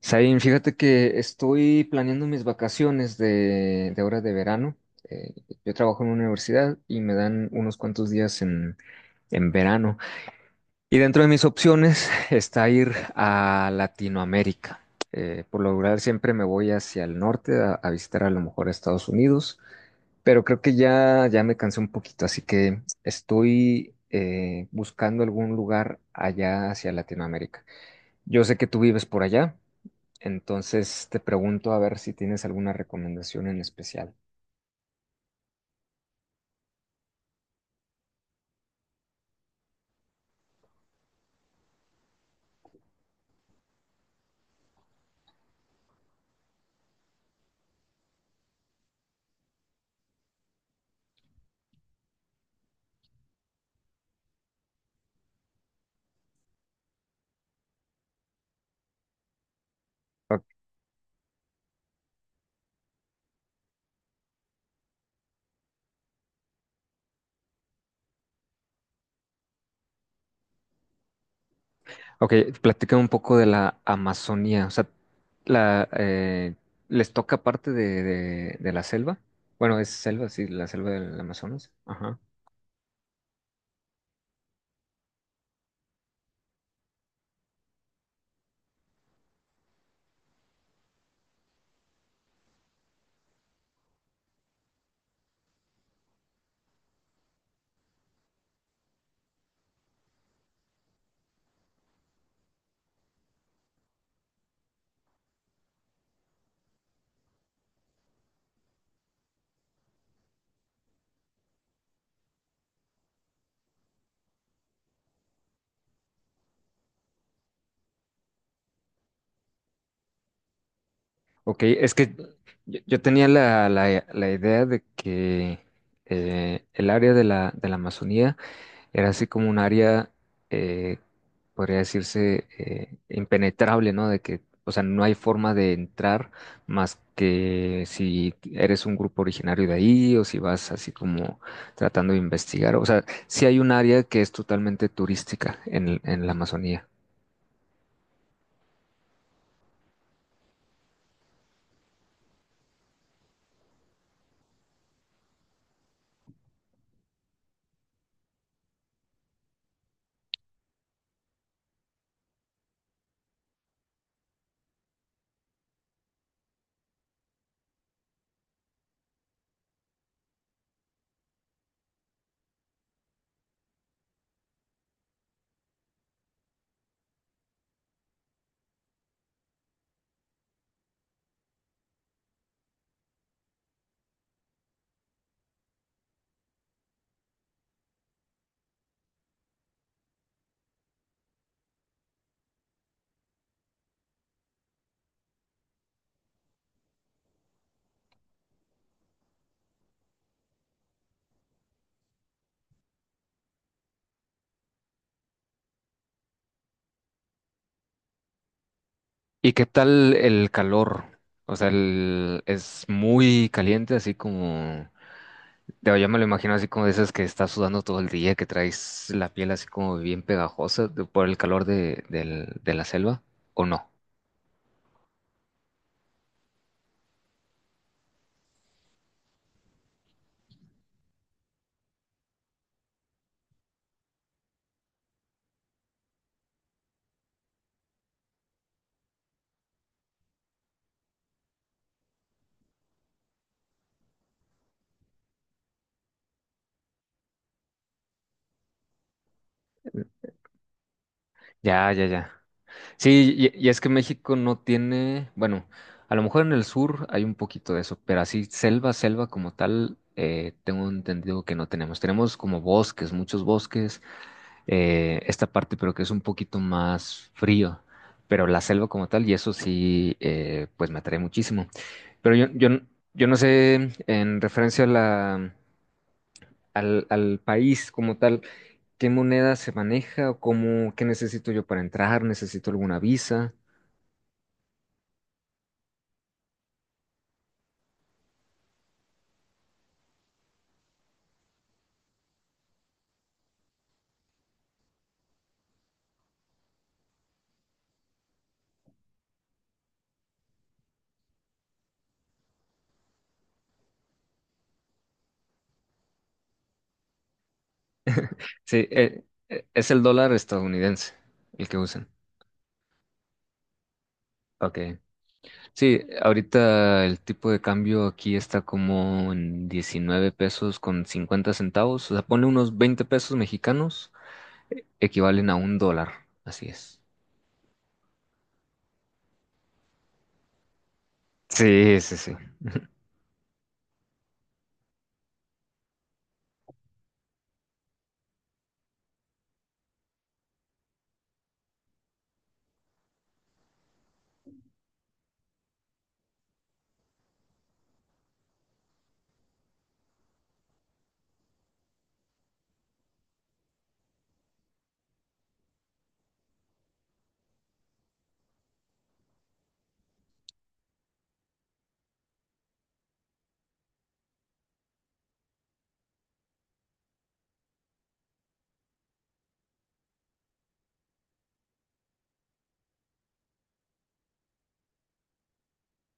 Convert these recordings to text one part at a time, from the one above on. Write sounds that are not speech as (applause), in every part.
Sabine, fíjate que estoy planeando mis vacaciones de ahora de verano. Eh, yo trabajo en una universidad y me dan unos cuantos días en verano. Y dentro de mis opciones (laughs) está ir a Latinoamérica. Por lo general siempre me voy hacia el norte a visitar a lo mejor a Estados Unidos, pero creo que ya, ya me cansé un poquito, así que estoy buscando algún lugar allá hacia Latinoamérica. Yo sé que tú vives por allá. Entonces te pregunto a ver si tienes alguna recomendación en especial. Ok, okay, platícame un poco de la Amazonía. O sea, la, eh, ¿les toca parte de la selva? Bueno, es selva, sí, la selva del Amazonas. Ajá. Ok, es que yo tenía la idea de que el área de la Amazonía era así como un área, eh, podría decirse, impenetrable, ¿no? De que, o sea, no hay forma de entrar más que si eres un grupo originario de ahí o si vas así como tratando de investigar. O sea, sí hay un área que es totalmente turística en la Amazonía. ¿Y qué tal el calor? O sea, es muy caliente, así como... Yo ya me lo imagino así como de esas que estás sudando todo el día, que traes la piel así como bien pegajosa por el calor de la selva, ¿o no? Ya, ya, ya. Sí, y es que México no tiene, bueno, a lo mejor en el sur hay un poquito de eso, pero así selva, selva como tal, tengo entendido que no tenemos. Tenemos como bosques, muchos bosques, esta parte, pero que es un poquito más frío, pero la selva como tal, y eso sí, pues me atrae muchísimo. Pero yo no sé, en referencia a al país como tal, qué moneda se maneja o cómo, qué necesito yo para entrar, necesito alguna visa. Sí, es el dólar estadounidense el que usan. Ok. Sí, ahorita el tipo de cambio aquí está como en 19 pesos con 50 centavos. O sea, pone unos 20 pesos mexicanos, equivalen a un dólar. Así es. Sí, sí, sí.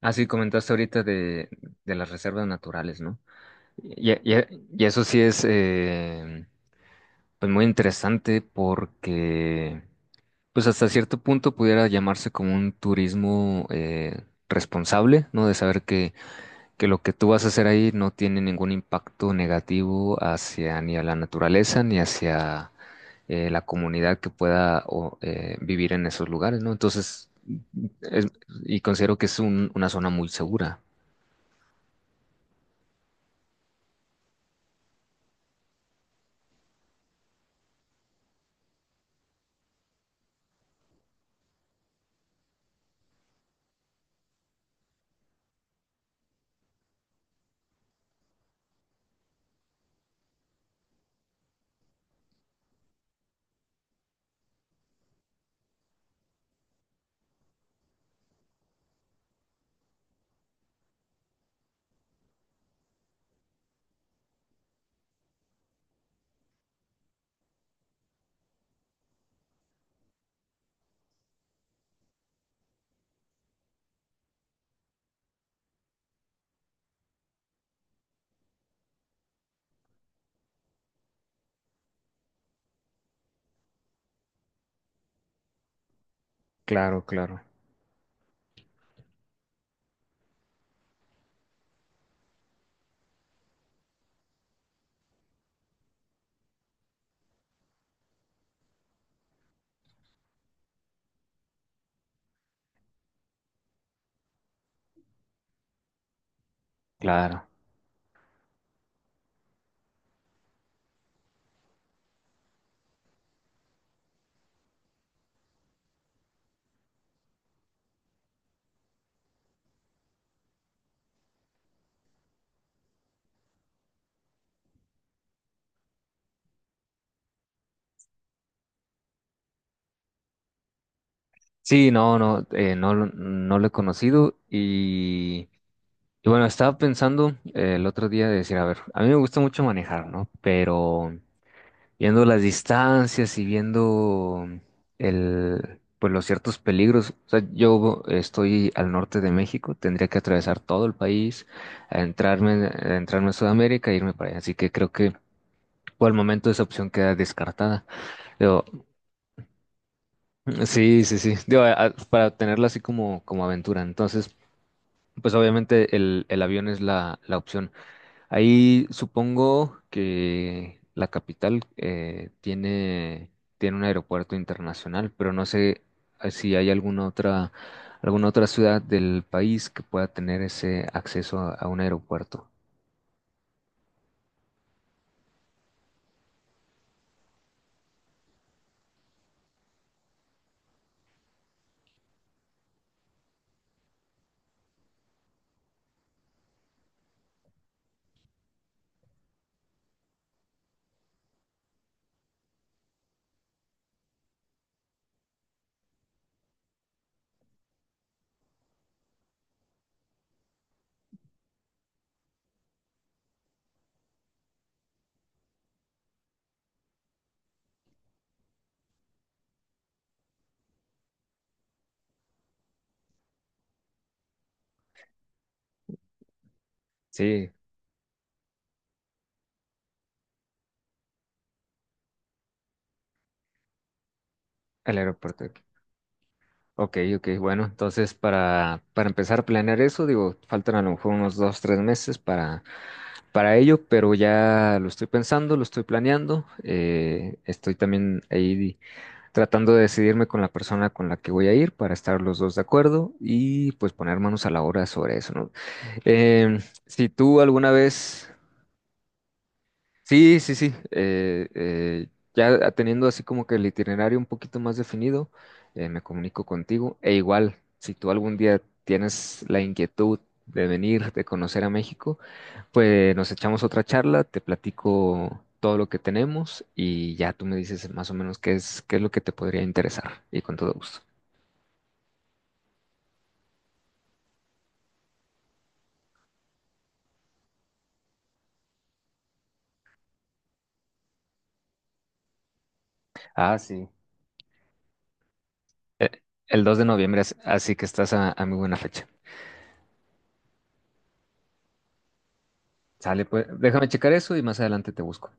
Así comentaste ahorita de las reservas naturales, ¿no? Y eso sí es pues muy interesante porque pues hasta cierto punto pudiera llamarse como un turismo responsable, ¿no? De saber que lo que tú vas a hacer ahí no tiene ningún impacto negativo hacia ni a la naturaleza ni hacia la comunidad que pueda o, vivir en esos lugares, ¿no? Entonces, es- y considero que es una zona muy segura. Claro, claro, claro. Sí, no, no, no, no lo he conocido y bueno, estaba pensando el otro día de decir, a ver, a mí me gusta mucho manejar, ¿no? Pero viendo las distancias y viendo pues los ciertos peligros, o sea, yo estoy al norte de México, tendría que atravesar todo el país, entrarme, entrarme a Sudamérica e irme para allá, así que creo que por el momento esa opción queda descartada. Pero. Sí, sí, sí. Digo, para tenerla así como aventura. Entonces, pues obviamente el avión es la opción. Ahí supongo que la capital tiene un aeropuerto internacional, pero no sé si hay alguna otra ciudad del país que pueda tener ese acceso a un aeropuerto. Sí, el aeropuerto. Ok, ok, bueno, entonces para empezar a planear eso, digo, faltan a lo mejor unos dos, tres meses para ello, pero ya lo estoy pensando, lo estoy planeando. Estoy también ahí tratando de decidirme con la persona con la que voy a ir para estar los dos de acuerdo y pues poner manos a la obra sobre eso, ¿no? Si tú alguna vez... Sí, sí, sí. Ya teniendo así como que el itinerario un poquito más definido, me comunico contigo. E igual, si tú algún día tienes la inquietud de venir, de conocer a México, pues nos echamos otra charla, te platico todo lo que tenemos y ya tú me dices más o menos qué es, lo que te podría interesar y con todo gusto. Ah, sí. El 2 de noviembre, así que estás a muy buena fecha. Sale, pues déjame checar eso y más adelante te busco.